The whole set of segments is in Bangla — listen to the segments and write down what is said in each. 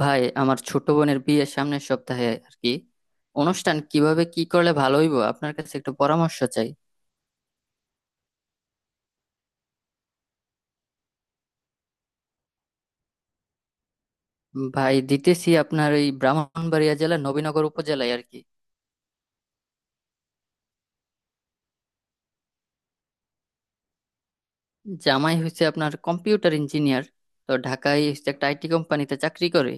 ভাই আমার ছোট বোনের বিয়ে সামনের সপ্তাহে আর কি। অনুষ্ঠান কিভাবে কি করলে ভালো হইব আপনার কাছে একটু পরামর্শ চাই। ভাই দিতেছি আপনার এই ব্রাহ্মণবাড়িয়া জেলার নবীনগর উপজেলায় আর কি। জামাই হচ্ছে আপনার কম্পিউটার ইঞ্জিনিয়ার, তো ঢাকায় হচ্ছে একটা আইটি কোম্পানিতে চাকরি করে।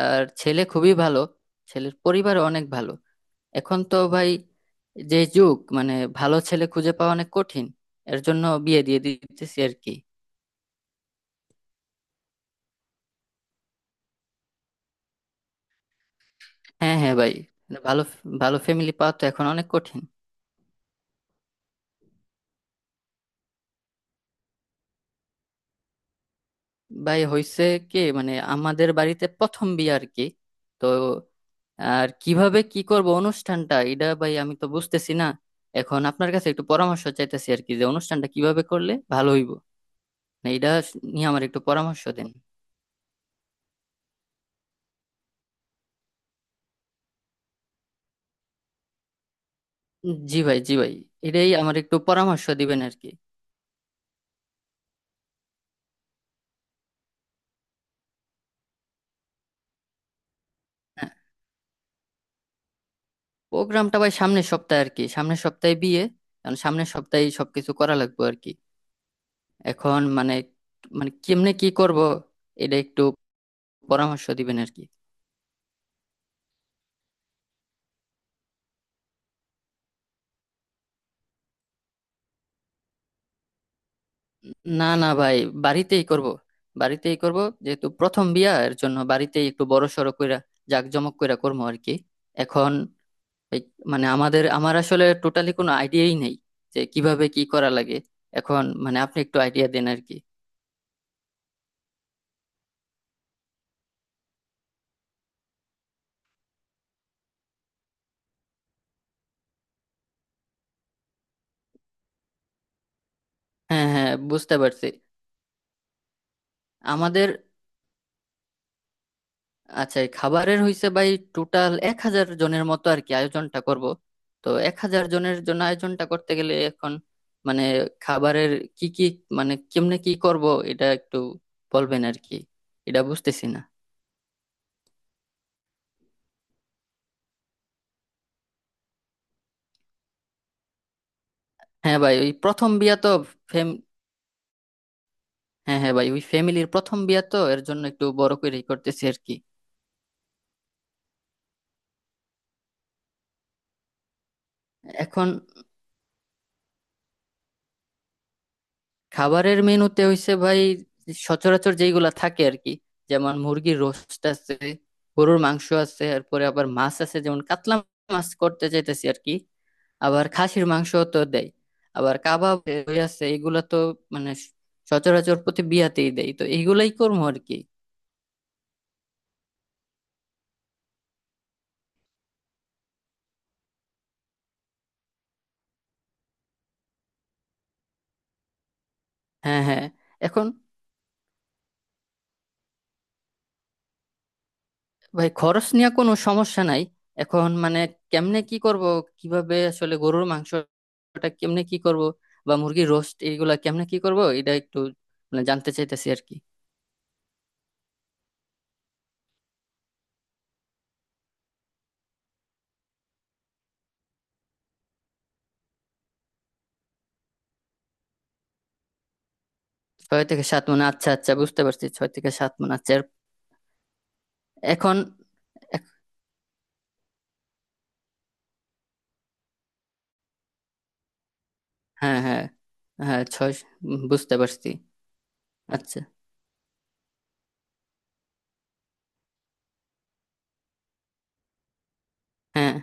আর ছেলে খুবই ভালো, ছেলের পরিবারও অনেক ভালো। এখন তো ভাই যে যুগ, মানে ভালো ছেলে খুঁজে পাওয়া অনেক কঠিন, এর জন্য বিয়ে দিয়ে দিতেছি আর কি। হ্যাঁ, হ্যাঁ ভাই, ভালো, ভালো ফ্যামিলি পাওয়া তো এখন অনেক কঠিন। ভাই হয়েছে কি, মানে আমাদের বাড়িতে প্রথম বিয়ে আর কি। তো আর কিভাবে কি করব অনুষ্ঠানটা এটা ভাই আমি তো বুঝতেছি না। এখন আপনার কাছে একটু পরামর্শ চাইতেছি আর কি, যে অনুষ্ঠানটা কিভাবে করলে ভালো হইব না, এটা নিয়ে আমার একটু পরামর্শ দেন। জি ভাই, জি ভাই, এটাই আমার একটু পরামর্শ দিবেন আর কি। হ্যাঁ, প্রোগ্রামটা ভাই সামনের সপ্তাহে আর কি, সামনের সপ্তাহে বিয়ে, কারণ সামনের সপ্তাহেই সবকিছু করা লাগবে আর কি। এখন মানে, মানে কেমনে কি করব, এটা একটু পরামর্শ দিবেন আর কি। না না ভাই, বাড়িতেই করব, বাড়িতেই করব, যেহেতু প্রথম বিয়া এর জন্য বাড়িতেই একটু বড় সড়ো কইরা জাঁকজমক কইরা করবো আর কি। এখন এই, মানে আমার আসলে টোটালি কোনো আইডিয়াই নেই যে কিভাবে কি করা লাগে। এখন মানে আপনি একটু আইডিয়া দেন আর কি। হ্যাঁ হ্যাঁ, বুঝতে পারছি। আমাদের, আচ্ছা এই খাবারের হইছে ভাই, টোটাল 1000 জনের মতো আর কি আয়োজনটা করব। তো 1000 জনের জন্য আয়োজনটা করতে গেলে এখন, মানে খাবারের কি কি, মানে কেমনে কি করব, এটা একটু বলবেন আর কি, এটা বুঝতেছি না। হ্যাঁ ভাই, ওই প্রথম বিয়া তো, ফেম হ্যাঁ হ্যাঁ ভাই ওই ফ্যামিলির প্রথম বিয়া তো, এর জন্য একটু বড় করেই করতেছি আর কি। এখন খাবারের মেনুতে হইছে ভাই, সচরাচর যেইগুলা থাকে আর কি, যেমন মুরগির রোস্ট আছে, গরুর মাংস আছে, এরপরে আবার মাছ আছে যেমন কাতলা মাছ করতে চাইতেছি আর কি। আবার খাসির মাংস তো দেয়, আবার কাবাব হয়ে আছে, এগুলা তো মানে সচরাচর প্রতি বিয়াতেই দেয়, তো এইগুলাই করবো আর কি। হ্যাঁ হ্যাঁ, এখন ভাই খরচ নিয়ে কোনো সমস্যা নাই। এখন মানে কেমনে কি করব, কিভাবে আসলে গরুর মাংসটা কেমনে কি করব, বা মুরগির রোস্ট এগুলা কেমনে কি করব, এটা একটু মানে জানতে চাইতেছি আর কি। ছয় থেকে সাত মানে আচ্ছা আচ্ছা বুঝতে পারছি, ছয় থেকে সাত মানে আচ্ছা এখন, হ্যাঁ হ্যাঁ, হ্যাঁ ছয়, বুঝতে পারছি। আচ্ছা, হ্যাঁ।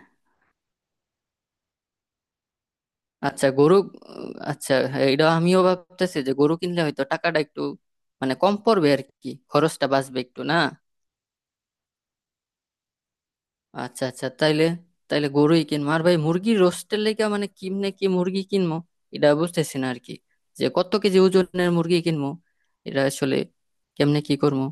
আচ্ছা গরু, আচ্ছা, হ্যাঁ, এটা আমিও ভাবতেছি যে গরু কিনলে হয়তো টাকাটা একটু মানে কম পড়বে আর কি, খরচটা বাঁচবে একটু, না? আচ্ছা আচ্ছা তাইলে, তাইলে গরুই কিনবো। আর ভাই মুরগির রোস্টের লেগে মানে কিমনে কি মুরগি কিনবো, এটা বুঝতেছি না আর কি, যে কত কেজি ওজনের মুরগি কিনবো, এটা আসলে কেমনে কি করবো।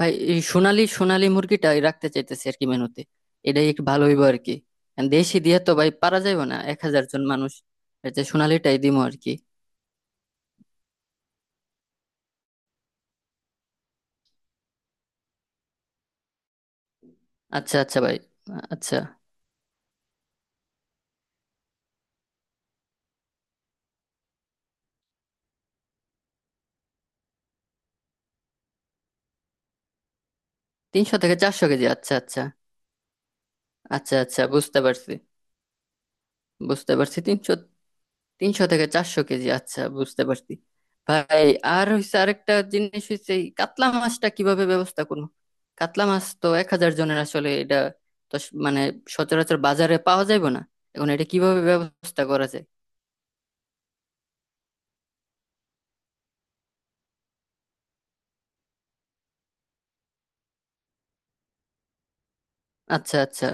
ভাই এই সোনালি সোনালি মুরগিটা রাখতে চাইতেছি আর কি মেনুতে, এটাই একটু ভালো হইবো আর কি। কারণ দেশি দিয়ে তো ভাই পারা যাবে না 1000 জন মানুষ, এর যে সোনালিটাই দিমো আর কি। আচ্ছা আচ্ছা ভাই, আচ্ছা 300 থেকে 400 কেজি, আচ্ছা আচ্ছা, আচ্ছা আচ্ছা বুঝতে পারছি, বুঝতে পারছি তিনশো, তিনশো থেকে চারশো কেজি, আচ্ছা বুঝতে পারছি ভাই। আর হইছে আরেকটা জিনিস হইছে, এই কাতলা মাছটা কিভাবে ব্যবস্থা করবো, কাতলা মাছ তো 1000 জনের আসলে, এটা তো মানে সচরাচর বাজারে পাওয়া যাবে না, এখন এটা কিভাবে ব্যবস্থা করা যায়? আচ্ছা আচ্ছা,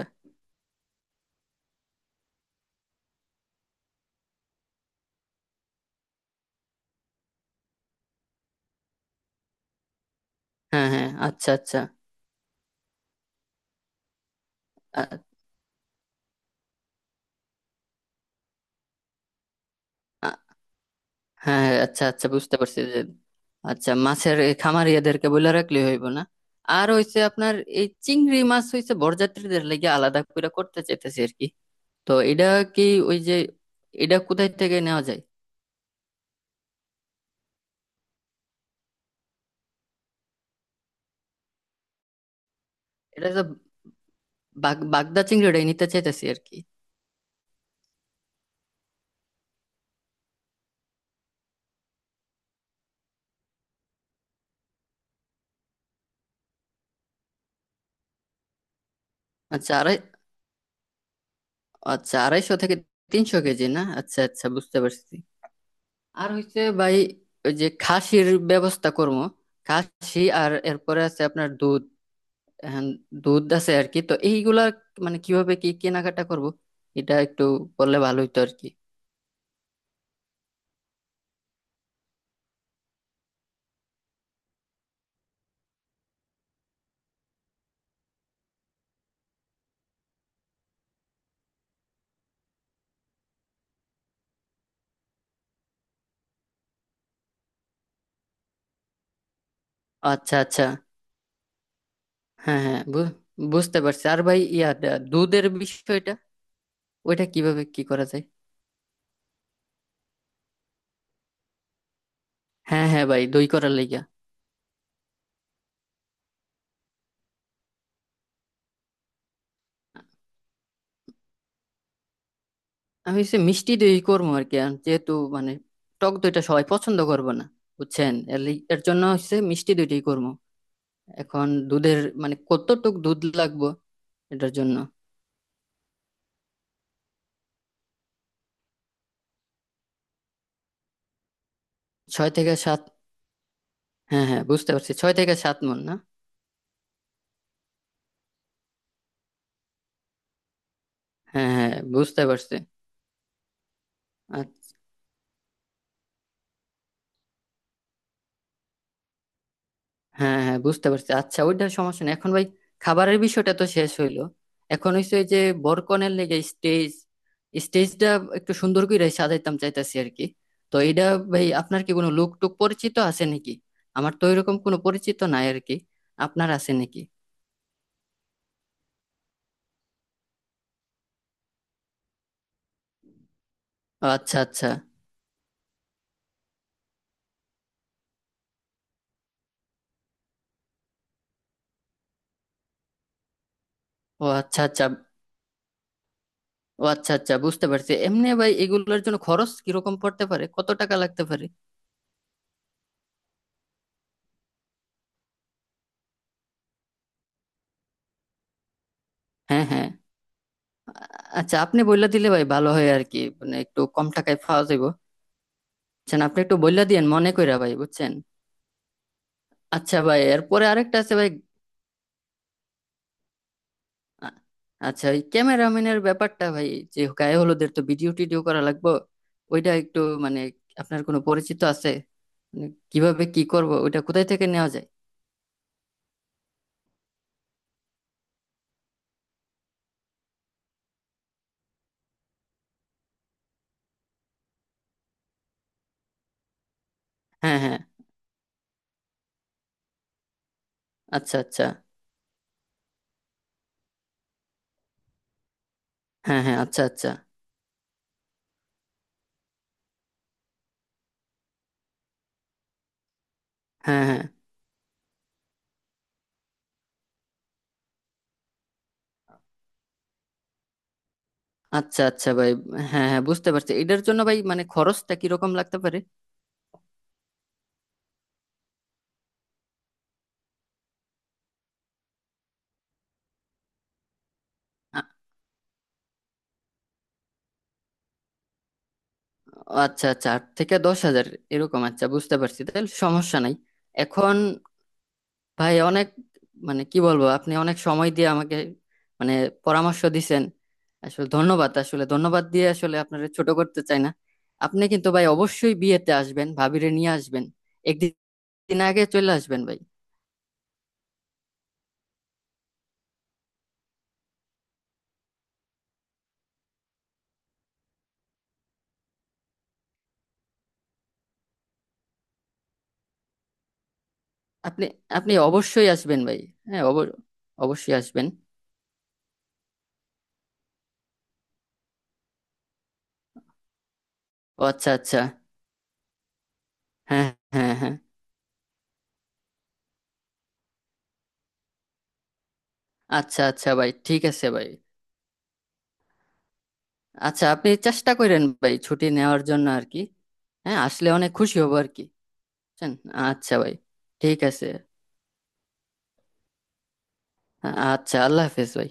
হ্যাঁ হ্যাঁ, আচ্ছা আচ্ছা, আ- আ- হ্যাঁ হ্যাঁ, আচ্ছা আচ্ছা বুঝতে পারছি যে আচ্ছা মাছের এই খামারিয়াদেরকে বলে রাখলে হইব না। আর হইছে আপনার, এই চিংড়ি মাছ হইছে বরযাত্রীদের লেগে আলাদা করে করতে চাইতেছি আর কি, তো এটা কি, ওই যে, এটা কোথায় থেকে নেওয়া যায়? এটা যে বাগদা চিংড়িটাই নিতে চাইতেছি আর কি। আচ্ছা আড়াই, আচ্ছা 250 থেকে 300 কেজি, না আচ্ছা আচ্ছা বুঝতে পারছি। আর হচ্ছে ভাই ওই যে খাসির ব্যবস্থা করবো, খাসি আর এরপরে আছে আপনার দুধ। হ্যাঁ, দুধ আছে আর কি, তো এইগুলা মানে কিভাবে কি কেনাকাটা করব, এটা একটু বললে ভালো হতো আর কি। আচ্ছা আচ্ছা, হ্যাঁ হ্যাঁ বুঝতে পারছি। আর ভাই ইয়া দুধের বিষয়টা ওইটা কিভাবে কি করা যায়? হ্যাঁ হ্যাঁ ভাই, দই করার লাইগা। আমি হচ্ছে মিষ্টি দই করবো আর কি, আর যেহেতু মানে টক দইটা সবাই পছন্দ করবে না, বুঝছেন, এর জন্য হচ্ছে মিষ্টি দইটাই করবো। এখন দুধের মানে কতটুক দুধ লাগবো এটার জন্য? ছয় থেকে সাত, হ্যাঁ হ্যাঁ বুঝতে পারছি, ছয় থেকে সাত মণ, না? হ্যাঁ হ্যাঁ বুঝতে পারছি। আচ্ছা। হ্যাঁ হ্যাঁ বুঝতে পারছি, আচ্ছা ওইটার সমস্যা নেই। এখন ভাই খাবারের বিষয়টা তো শেষ হইলো, এখন হচ্ছে ওই যে বরকনের লেগে স্টেজ, স্টেজটা একটু সুন্দর করে সাজাইতাম চাইতাছি আর কি, তো এটা ভাই আপনার কি কোনো লোক টুক পরিচিত আছে নাকি? আমার তো এরকম কোনো পরিচিত নাই আর কি, আপনার আছে নাকি? ও আচ্ছা আচ্ছা, ও আচ্ছা আচ্ছা, ও আচ্ছা আচ্ছা বুঝতে পারছি। এমনি ভাই এগুলোর জন্য খরচ কিরকম পড়তে পারে, কত টাকা লাগতে পারে? হ্যাঁ হ্যাঁ, আচ্ছা আপনি বললা দিলে ভাই ভালো হয় আর কি, মানে একটু কম টাকায় পাওয়া যাবে। আচ্ছা আপনি একটু বললে দিয়েন মনে কইরা ভাই, বুঝছেন? আচ্ছা ভাই এরপরে আরেকটা আছে ভাই, আ- আচ্ছা ওই ক্যামেরাম্যানের ব্যাপারটা ভাই, যে গায়ে হলুদের তো ভিডিও টিডিও করা লাগবে, ওইটা একটু মানে আপনার কোনো পরিচিত আছে? মানে কিভাবে কি করব, ওইটা কোথায় থেকে নেওয়া যায়? হ্যাঁ হ্যাঁ, আচ্ছা আচ্ছা, হ্যাঁ হ্যাঁ, আচ্ছা আচ্ছা, হ্যাঁ হ্যাঁ, আচ্ছা আচ্ছা ভাই, হ্যাঁ হ্যাঁ বুঝতে পারছি। এটার জন্য ভাই মানে খরচটা কিরকম লাগতে পারে? আ- আচ্ছা আচ্ছা, 8 থেকে 10,000 এরকম, আচ্ছা বুঝতে পারছি তাহলে সমস্যা নাই। এখন ভাই অনেক, মানে কি বলবো, আপনি অনেক সময় দিয়ে আমাকে মানে পরামর্শ দিছেন। আসলে ধন্যবাদ, আসলে ধন্যবাদ দিয়ে আসলে আপনারা ছোট করতে চাই না। আপনি কিন্তু ভাই অবশ্যই বিয়েতে আসবেন, ভাবিরে নিয়ে আসবেন, একদিন আগে চলে আসবেন ভাই। আপনি, আপনি অবশ্যই আসবেন ভাই, হ্যাঁ অবশ্যই আসবেন। ও আচ্ছা আচ্ছা, হ্যাঁ হ্যাঁ, হ্যাঁ, আচ্ছা আচ্ছা ভাই ঠিক আছে ভাই। আচ্ছা আপনি চেষ্টা করেন ভাই ছুটি নেওয়ার জন্য আর কি, হ্যাঁ আসলে অনেক খুশি হব আর কি, বুঝছেন? আচ্ছা ভাই ঠিক আছে, আচ্ছা আল্লাহ হাফেজ ভাই।